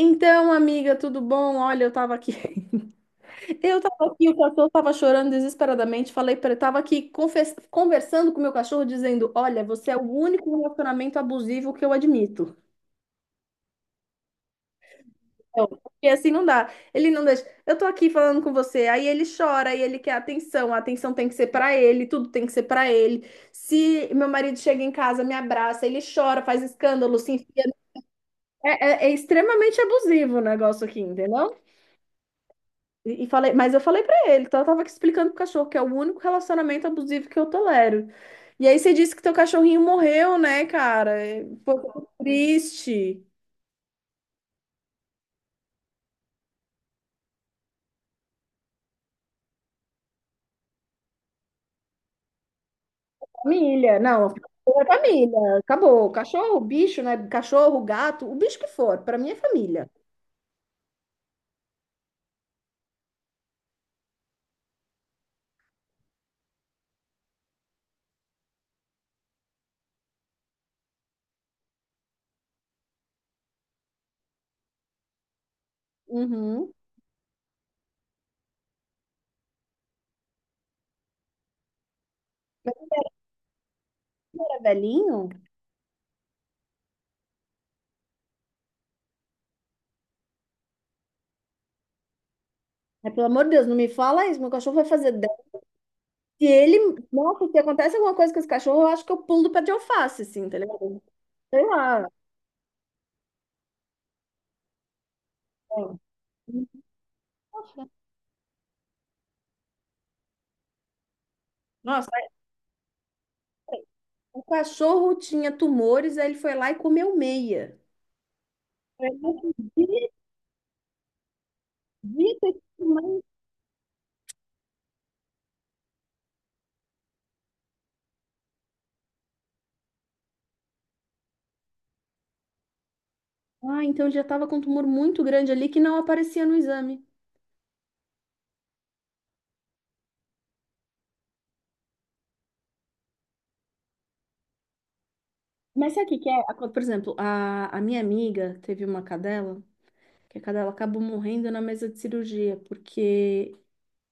Então, amiga, tudo bom? Olha, eu tava aqui. Eu tava aqui, o cachorro tava chorando desesperadamente. Falei para ele, tava aqui conversando com o meu cachorro, dizendo: "Olha, você é o único relacionamento abusivo que eu admito." Porque assim não dá. Ele não deixa. Eu tô aqui falando com você, aí ele chora, e ele quer atenção. A atenção tem que ser para ele, tudo tem que ser para ele. Se meu marido chega em casa, me abraça, ele chora, faz escândalo, se enfia. É extremamente abusivo o negócio aqui, entendeu? E falei, mas eu falei pra ele, então eu tava aqui explicando pro cachorro que é o único relacionamento abusivo que eu tolero. E aí você disse que teu cachorrinho morreu, né, cara? É. Pô, que triste. Família, não, é família, acabou. Cachorro, bicho, né? Cachorro, gato, o bicho que for, pra mim é família. Uhum. É velhinho? É, pelo amor de Deus, não me fala isso, meu cachorro vai fazer 10. Se ele, Nossa, se acontece alguma coisa com esse cachorro, eu acho que eu pulo do pé de alface, assim, tá ligado? Sei lá. É. Nossa. O cachorro tinha tumores, aí ele foi lá e comeu meia. Eu não acredito, mas... Ah, então ele já estava com um tumor muito grande ali que não aparecia no exame. Mas sabe o que que é? Por exemplo, a minha amiga teve uma cadela, que a cadela acabou morrendo na mesa de cirurgia, porque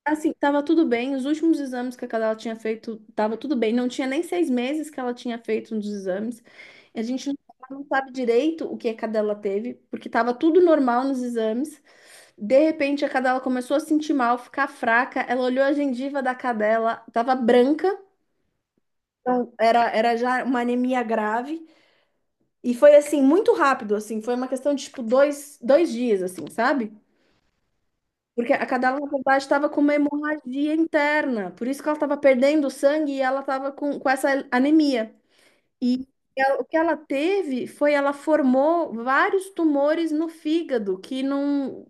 assim, estava tudo bem. Os últimos exames que a cadela tinha feito, estava tudo bem. Não tinha nem 6 meses que ela tinha feito um dos exames. A gente não sabe direito o que a cadela teve, porque estava tudo normal nos exames. De repente, a cadela começou a sentir mal, ficar fraca. Ela olhou a gengiva da cadela, estava branca, então era, era já uma anemia grave. E foi assim, muito rápido, assim. Foi uma questão de, tipo, dois dias, assim, sabe? Porque a cadela, na verdade, estava com uma hemorragia interna, por isso que ela estava perdendo sangue e ela estava com, essa anemia. E o que ela teve foi, ela formou vários tumores no fígado, que não,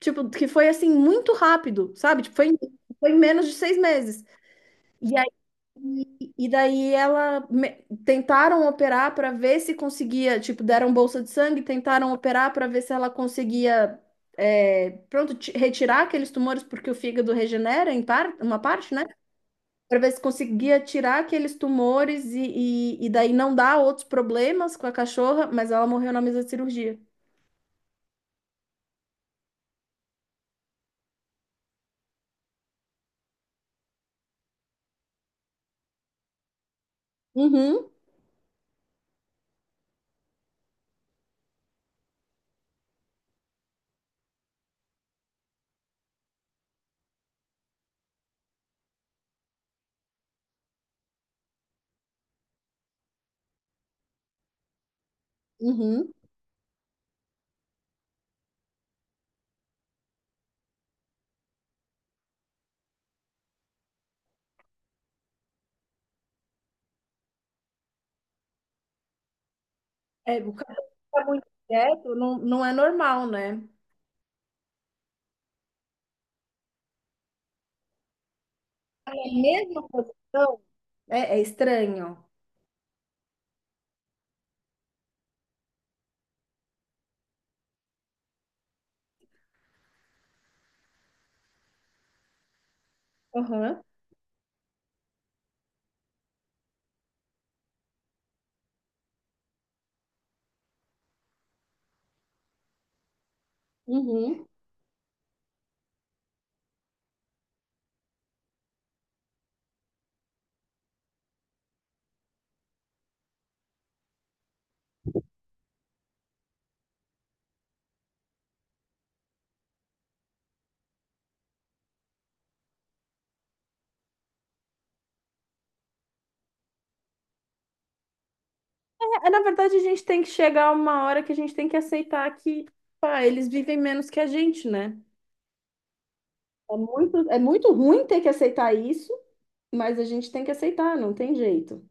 tipo, que foi assim muito rápido, sabe? Tipo, foi, foi em menos de 6 meses. E e daí tentaram operar para ver se conseguia, tipo, deram bolsa de sangue, tentaram operar para ver se ela conseguia, é, pronto, retirar aqueles tumores, porque o fígado regenera em par, uma parte, né? Para ver se conseguia tirar aqueles tumores e daí não dar outros problemas com a cachorra, mas ela morreu na mesa de cirurgia. Uhum, uhum. É, o cachorro fica muito quieto, não é normal, né? É a mesma posição? É, é estranho. Uhum. Uhum. É, na verdade, a gente tem que chegar a uma hora que a gente tem que aceitar que, pá, eles vivem menos que a gente, né? É muito ruim ter que aceitar isso, mas a gente tem que aceitar, não tem jeito.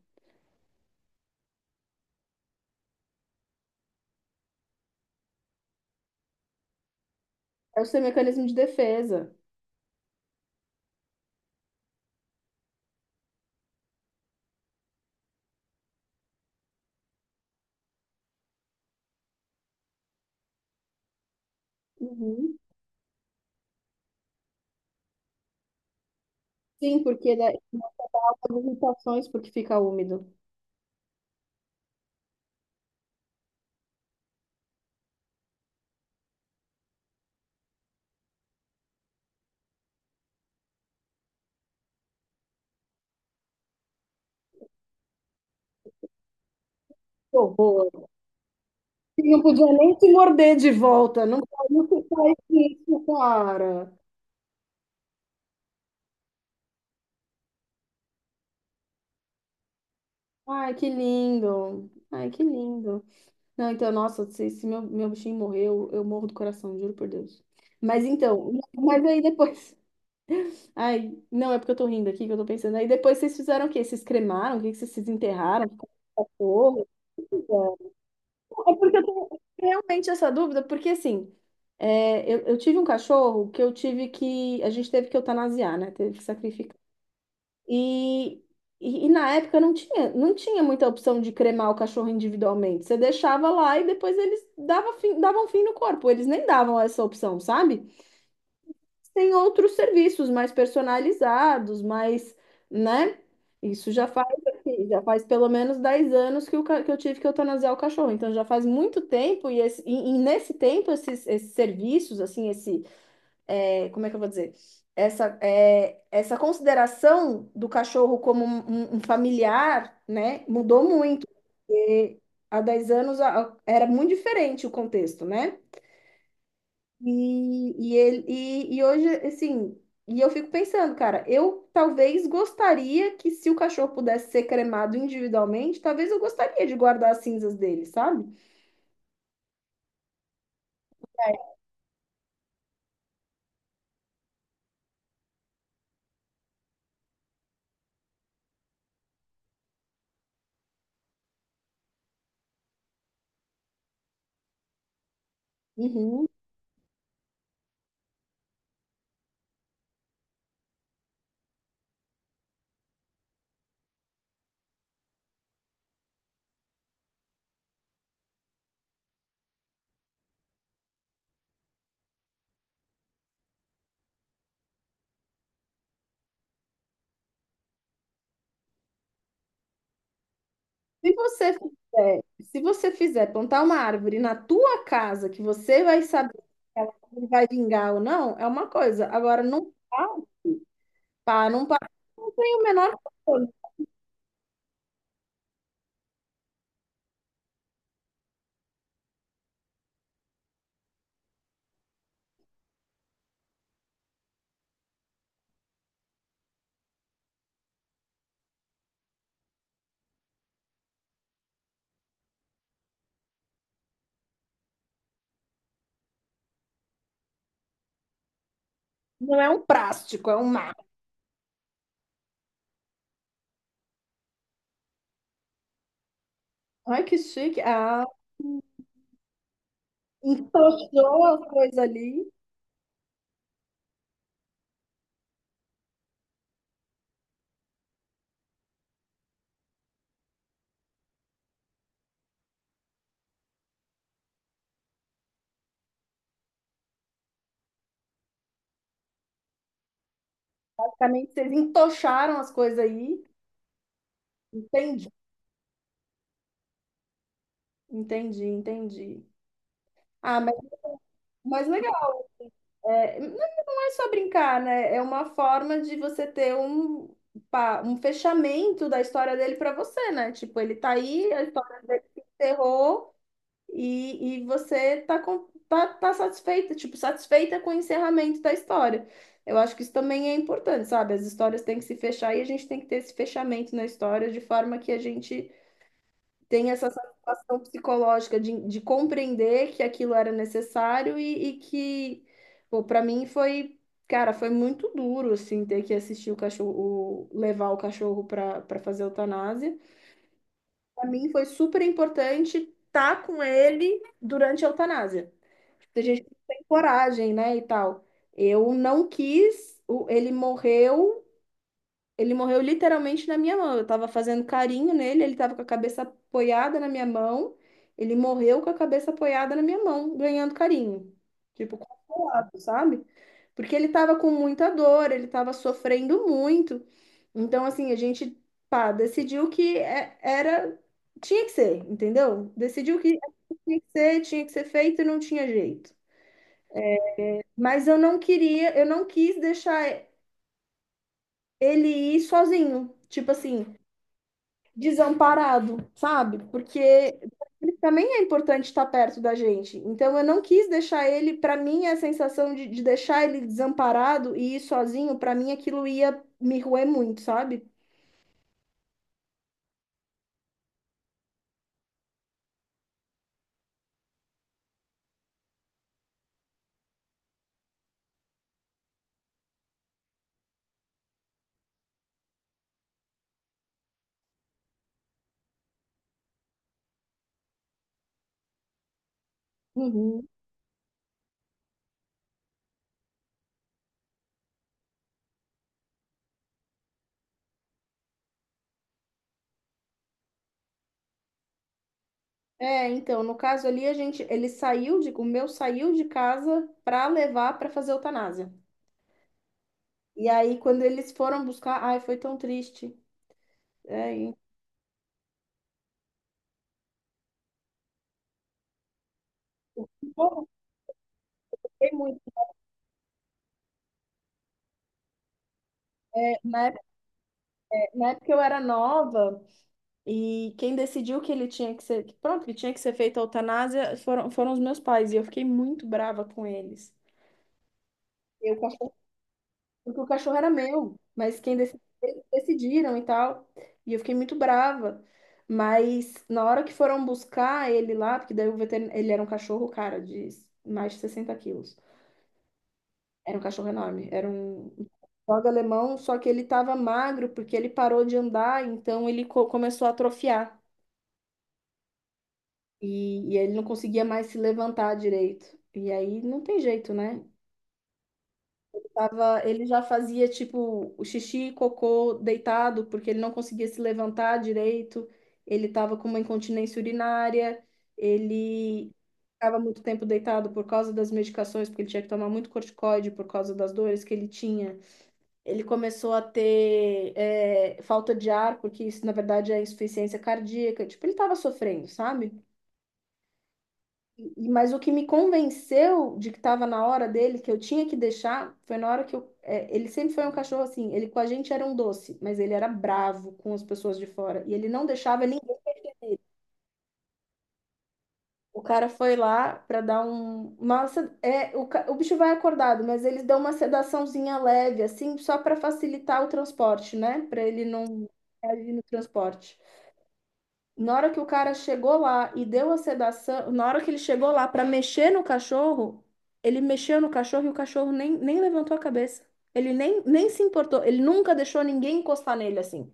É o seu mecanismo de defesa. Uhum. Sim, porque dá as irritações porque fica úmido. Que horror. Ele não podia nem se morder de volta. Não não se faz isso, cara. Ai, que lindo. Ai, que lindo. Não, então, nossa, se, se meu bichinho morrer, eu morro do coração, juro por Deus. Mas então, mas aí depois. Ai, não, é porque eu tô rindo aqui que eu tô pensando. Aí depois vocês fizeram o quê? Vocês cremaram? O que que vocês desenterraram? Ficaram com cachorro? O que fizeram? É porque eu tenho realmente essa dúvida, porque assim, é, eu tive um cachorro que eu tive que. A gente teve que eutanasiar, né? Teve que sacrificar. E, e na época não tinha muita opção de cremar o cachorro individualmente. Você deixava lá e depois eles davam fim no corpo. Eles nem davam essa opção, sabe? Tem outros serviços mais personalizados, mais, né? Isso já faz, assim, já faz pelo menos 10 anos que, que eu tive que eutanasiar o cachorro. Então já faz muito tempo e, e nesse tempo esses, serviços, assim, esse é, como é que eu vou dizer? Essa consideração do cachorro como um, um familiar, né, mudou muito. Porque há 10 anos era muito diferente o contexto, né? E hoje, assim, e eu fico pensando, cara, eu talvez gostaria que se o cachorro pudesse ser cremado individualmente, talvez eu gostaria de guardar as cinzas dele, sabe? Uhum. Se você fizer, se você fizer plantar uma árvore na tua casa, que você vai saber se ela vai vingar ou não, é uma coisa. Agora, num parque, pá, num parque, não tem o menor controle. Não é um plástico, é um mar. Ai, que chique. Ah, entochou as coisas ali. Basicamente, vocês entocharam as coisas aí. Entendi, entendi, entendi. Ah, mas legal. É, não é só brincar, né? É uma forma de você ter um, um fechamento da história dele para você, né? Tipo, ele tá aí, a história dele se encerrou e você tá satisfeita, tipo, satisfeita com o encerramento da história. Eu acho que isso também é importante, sabe? As histórias têm que se fechar e a gente tem que ter esse fechamento na história de forma que a gente tem essa satisfação psicológica de, compreender que aquilo era necessário e que, pô, para mim foi, cara, foi muito duro, assim, ter que assistir o cachorro, levar o cachorro para fazer a eutanásia. Para mim foi super importante estar com ele durante a eutanásia. Tem gente que não tem coragem, né, e tal. Eu não quis, ele morreu literalmente na minha mão. Eu tava fazendo carinho nele, ele tava com a cabeça apoiada na minha mão. Ele morreu com a cabeça apoiada na minha mão, ganhando carinho. Tipo, consolado, sabe? Porque ele tava com muita dor, ele tava sofrendo muito. Então, assim, a gente, pá, decidiu que era. Tinha que ser, entendeu? Decidiu que tinha que ser feito e não tinha jeito. Mas eu não queria, eu não quis deixar ele ir sozinho. Tipo assim, desamparado, sabe? Porque ele também é importante estar perto da gente. Então eu não quis deixar ele, para mim, a sensação de deixar ele desamparado e ir sozinho, para mim aquilo ia me roer muito, sabe? Uhum. É, então, no caso ali a gente, ele saiu de, o meu saiu de casa para levar para fazer eutanásia. E aí quando eles foram buscar, ai, foi tão triste. É, e- Pô, eu fiquei muito. É. Na época eu era nova. E quem decidiu que ele tinha que ser, que pronto, que tinha que ser feita a eutanásia foram os meus pais, e eu fiquei muito brava com eles. Eu, cachorro, porque o cachorro era meu, mas quem decidiu, decidiram e tal. E eu fiquei muito brava. Mas na hora que foram buscar ele lá, porque daí o veterinário, ele era um cachorro, cara, de mais de 60 quilos. Era um cachorro enorme, era um dog alemão, só que ele tava magro porque ele parou de andar, então ele começou a atrofiar. E ele não conseguia mais se levantar direito. E aí não tem jeito, né? Tava, ele já fazia tipo o xixi e cocô deitado, porque ele não conseguia se levantar direito. Ele tava com uma incontinência urinária. Ele ficava muito tempo deitado por causa das medicações, porque ele tinha que tomar muito corticoide por causa das dores que ele tinha. Ele começou a ter é, falta de ar, porque isso na verdade é insuficiência cardíaca. Tipo, ele tava sofrendo, sabe? E- mas o que me convenceu de que estava na hora dele, que eu tinha que deixar, foi na hora que eu. É, ele sempre foi um cachorro assim. Ele com a gente era um doce, mas ele era bravo com as pessoas de fora. E ele não deixava ninguém. O cara foi lá para dar um. Nossa, é, o bicho vai acordado, mas eles dão uma sedaçãozinha leve, assim, só para facilitar o transporte, né? Para ele não reagir no transporte. Na hora que o cara chegou lá e deu a sedação, na hora que ele chegou lá para mexer no cachorro, ele mexeu no cachorro e o cachorro nem levantou a cabeça. Ele nem se importou. Ele nunca deixou ninguém encostar nele assim,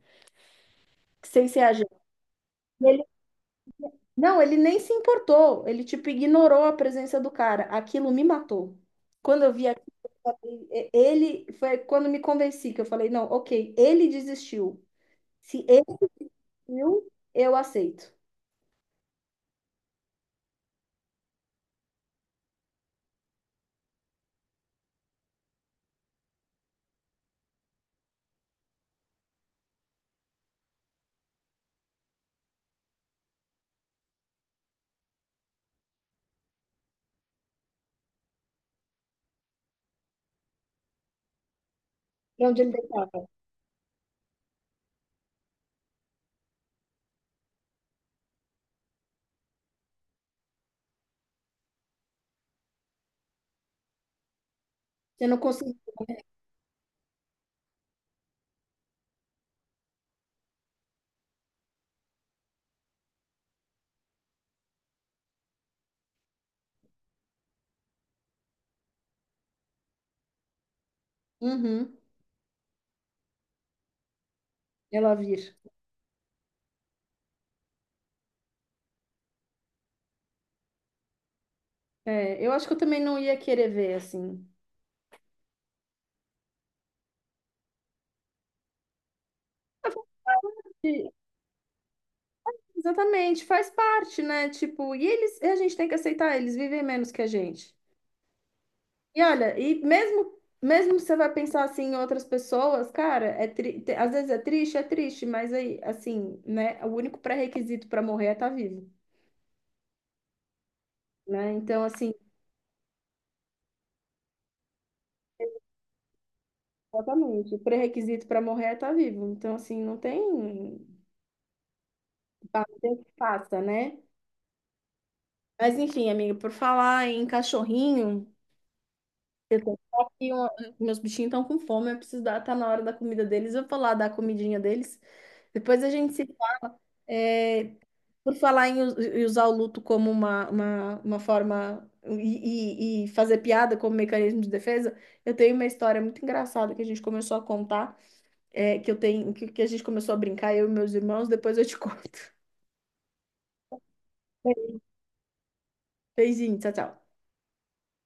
sem ser a gente. Ele, não, ele nem se importou. Ele, tipo, ignorou a presença do cara. Aquilo me matou. Quando eu vi aquilo, ele foi quando me convenci que eu falei, não, ok, ele desistiu. Se ele viu, eu aceito. E onde ele deitava? Eu não consigo. Uhum. Ela vir. É, eu acho que eu também não ia querer ver, assim. Ah, porque exatamente, faz parte, né? Tipo, e eles, a gente tem que aceitar, eles vivem menos que a gente. E olha, e mesmo, mesmo você vai pensar assim em outras pessoas, cara, é às vezes é triste, mas aí, assim, né? O único pré-requisito para morrer é estar vivo, né? Então, assim, exatamente, o pré-requisito para morrer é estar vivo. Então, assim, não tem, pá, não tem o que faça, né? Mas enfim, amiga, por falar em cachorrinho. Só um, meus bichinhos estão com fome, eu preciso dar, tá na hora da comida deles, eu vou lá dar a comidinha deles. Depois a gente se. É, por falar em em usar o luto como uma, uma forma e fazer piada como mecanismo de defesa, eu tenho uma história muito engraçada que a gente começou a contar, é, que eu tenho, que a gente começou a brincar, eu e meus irmãos, depois eu te conto. Beijinho, tchau, tchau.